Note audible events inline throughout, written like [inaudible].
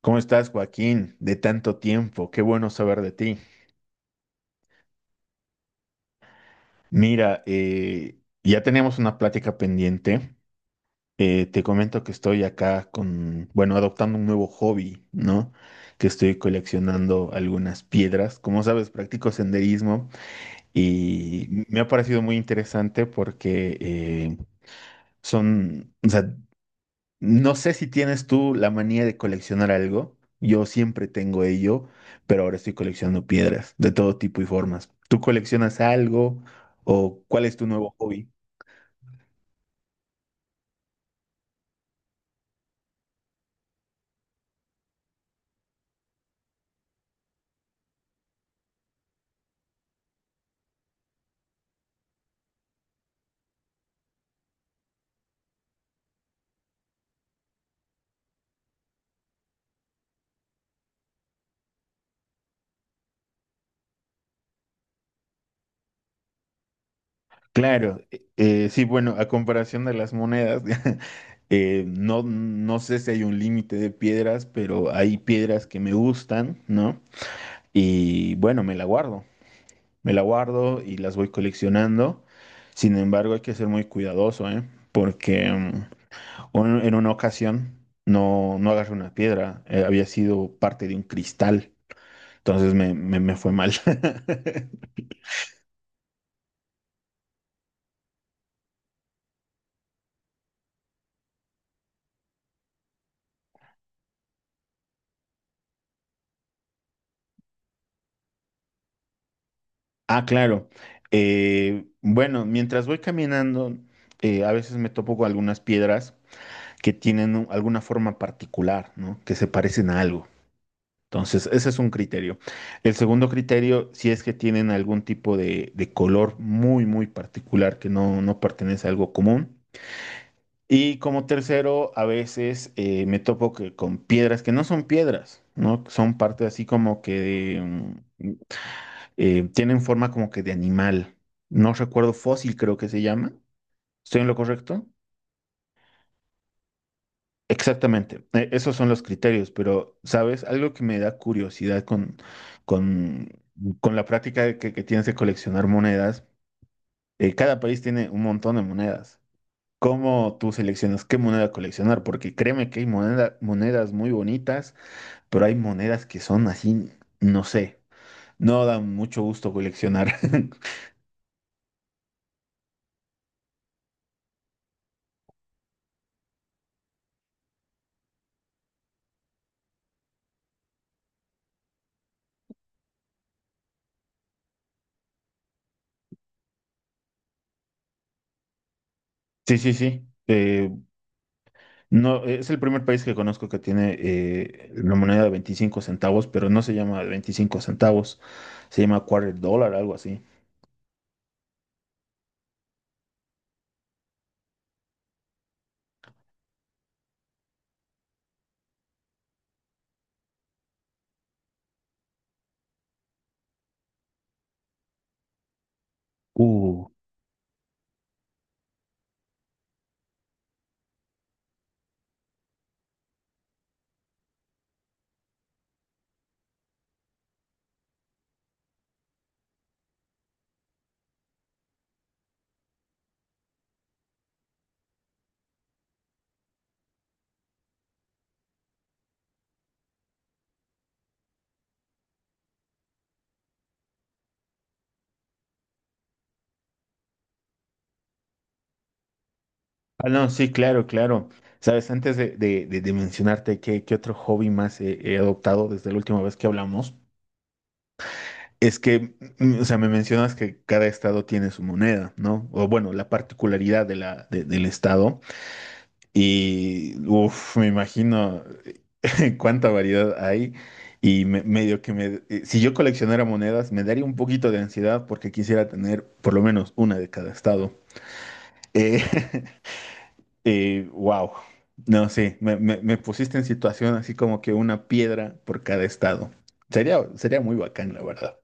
¿Cómo estás, Joaquín? De tanto tiempo, qué bueno saber de ti. Mira, ya teníamos una plática pendiente. Te comento que estoy acá con, bueno, adoptando un nuevo hobby, ¿no? Que estoy coleccionando algunas piedras. Como sabes, practico senderismo y me ha parecido muy interesante porque son, o sea, no sé si tienes tú la manía de coleccionar algo. Yo siempre tengo ello, pero ahora estoy coleccionando piedras de todo tipo y formas. ¿Tú coleccionas algo o cuál es tu nuevo hobby? Claro, sí, bueno, a comparación de las monedas, [laughs] no, no sé si hay un límite de piedras, pero hay piedras que me gustan, ¿no? Y bueno, me la guardo y las voy coleccionando. Sin embargo, hay que ser muy cuidadoso, ¿eh? Porque... mm, O en una ocasión no, no agarré una piedra, había sido parte de un cristal, entonces me fue mal. [laughs] Ah, claro. Bueno, mientras voy caminando, a veces me topo con algunas piedras que tienen alguna forma particular, ¿no? Que se parecen a algo. Entonces, ese es un criterio. El segundo criterio, si es que tienen algún tipo de color muy, muy particular que no, no pertenece a algo común. Y como tercero, a veces me topo que con piedras que no son piedras, ¿no? Son parte así como que de tienen forma como que de animal. No recuerdo, fósil, creo que se llama. ¿Estoy en lo correcto? Exactamente. Esos son los criterios, pero, ¿sabes? Algo que me da curiosidad con, con la práctica de que tienes de coleccionar monedas. Cada país tiene un montón de monedas. ¿Cómo tú seleccionas qué moneda coleccionar? Porque créeme que hay monedas muy bonitas, pero hay monedas que son así, no sé, no dan mucho gusto coleccionar. [laughs] Sí, sí, sí. No, es el primer país que conozco que tiene la moneda de 25 centavos, pero no se llama 25 centavos, se llama quarter dólar, algo así. Uh. Ah, no, sí, claro, claro. Sabes, antes de mencionarte qué otro hobby más he adoptado desde la última vez que hablamos, es que, mm, o sea, me mencionas que cada estado tiene su moneda, ¿no? O bueno, la particularidad de del estado. Y, uff, me imagino [laughs] cuánta variedad hay. Si yo coleccionara monedas, me daría un poquito de ansiedad porque quisiera tener por lo menos una de cada estado. Eh, [laughs] wow. No sé, me pusiste en situación así como que una piedra por cada estado. Sería, sería muy bacán, la verdad.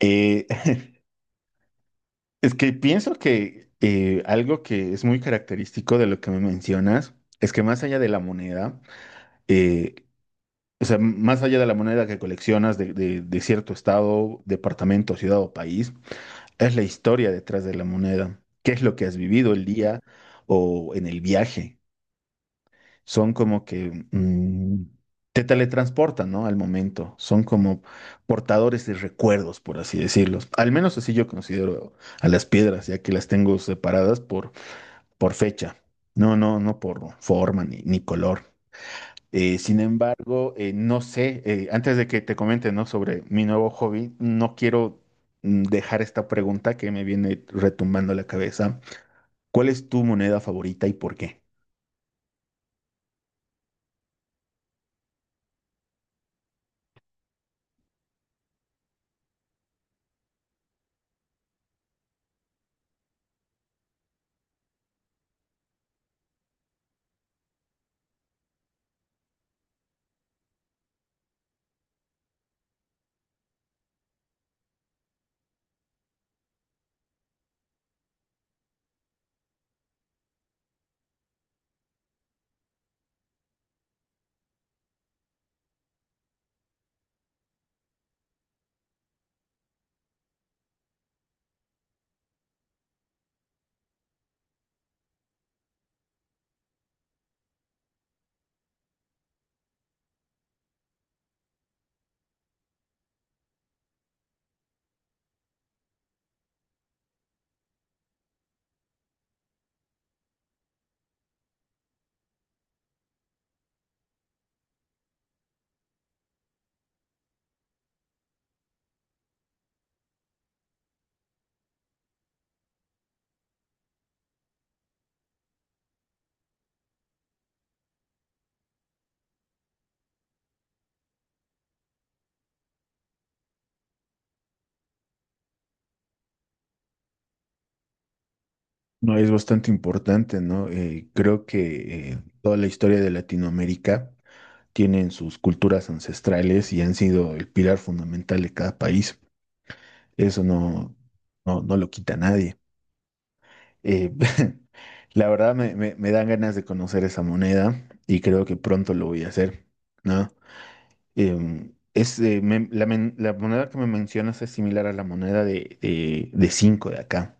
Eh, Es que pienso que algo que es muy característico de lo que me mencionas es que más allá de la moneda, eh, o sea, más allá de la moneda que coleccionas de cierto estado, departamento, ciudad o país, es la historia detrás de la moneda. ¿Qué es lo que has vivido el día o en el viaje? Son como que mm, Te teletransportan, ¿no? Al momento. Son como portadores de recuerdos, por así decirlos. Al menos así yo considero a las piedras, ya que las tengo separadas por fecha, no por forma ni, ni color. Sin embargo, no sé, antes de que te comente, ¿no?, sobre mi nuevo hobby, no quiero, dejar esta pregunta que me viene retumbando la cabeza. ¿Cuál es tu moneda favorita y por qué? No, es bastante importante, ¿no? Creo que toda la historia de Latinoamérica tienen sus culturas ancestrales y han sido el pilar fundamental de cada país. Eso no lo quita nadie. Eh, [laughs] la verdad me dan ganas de conocer esa moneda y creo que pronto lo voy a hacer, ¿no? Em, es, me- la, men- La moneda que me mencionas es similar a la moneda de cinco de acá.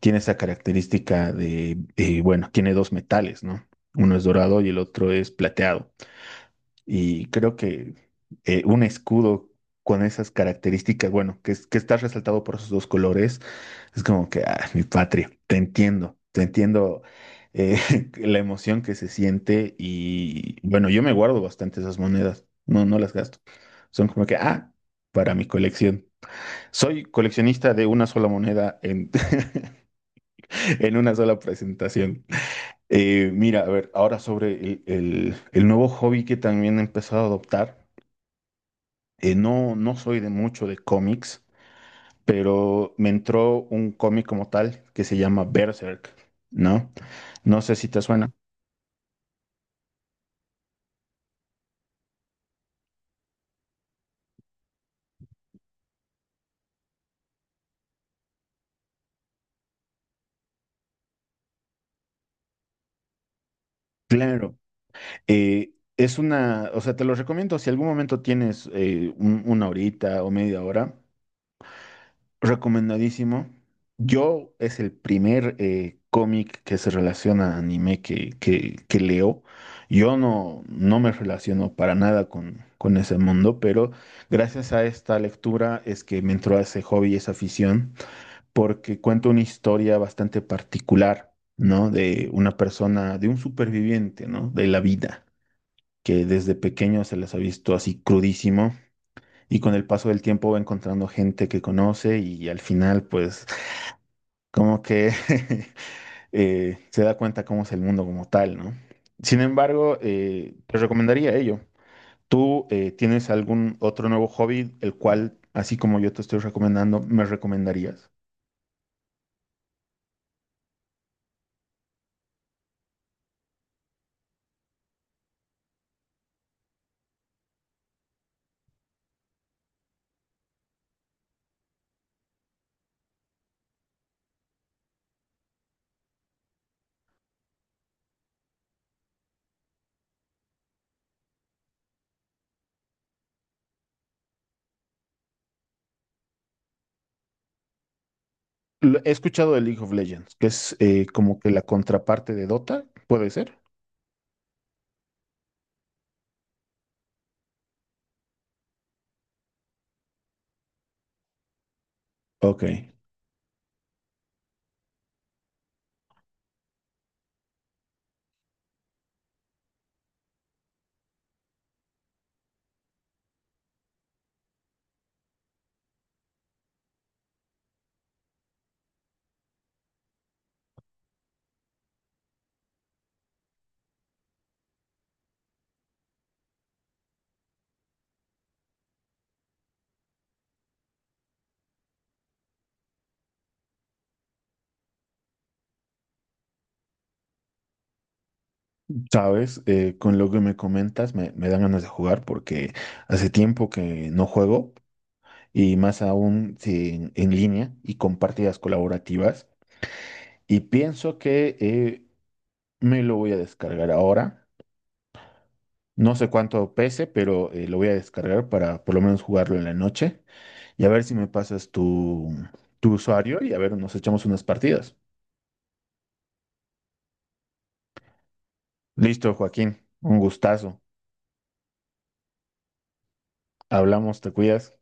Tiene esa característica de, bueno, tiene dos metales, ¿no? Uno es dorado y el otro es plateado. Y creo que un escudo con esas características, bueno, que, que está resaltado por esos dos colores, es como que, ah, mi patria, te entiendo, te entiendo, eh, [laughs] la emoción que se siente y bueno, yo me guardo bastante esas monedas, no, no las gasto. Son como que, ah, para mi colección. Soy coleccionista de una sola moneda en, [laughs] en una sola presentación. Mira, a ver, ahora sobre el nuevo hobby que también he empezado a adoptar. No, no soy de mucho de cómics, pero me entró un cómic como tal que se llama Berserk, ¿no? No sé si te suena. Claro, es una, o sea, te lo recomiendo si algún momento tienes una horita o media hora. Recomendadísimo. Yo es el primer cómic que se relaciona a anime que leo. Yo no, no me relaciono para nada con, con ese mundo, pero gracias a esta lectura es que me entró ese hobby, esa afición, porque cuenta una historia bastante particular, ¿no? De una persona, de un superviviente, ¿no? De la vida, que desde pequeño se les ha visto así crudísimo. Y con el paso del tiempo va encontrando gente que conoce y al final pues como que [laughs] se da cuenta cómo es el mundo como tal, ¿no? Sin embargo, te recomendaría ello. ¿Tú tienes algún otro nuevo hobby, el cual, así como yo te estoy recomendando, me recomendarías? He escuchado de League of Legends, que es como que la contraparte de Dota, ¿puede ser? Ok, sabes, con lo que me comentas me dan ganas de jugar porque hace tiempo que no juego y más aún si en, en línea y con partidas colaborativas. Y pienso que me lo voy a descargar ahora. No sé cuánto pese, pero lo voy a descargar para por lo menos jugarlo en la noche y a ver si me pasas tu, tu usuario y a ver, nos echamos unas partidas. Listo, Joaquín, un gustazo. Hablamos, te cuidas.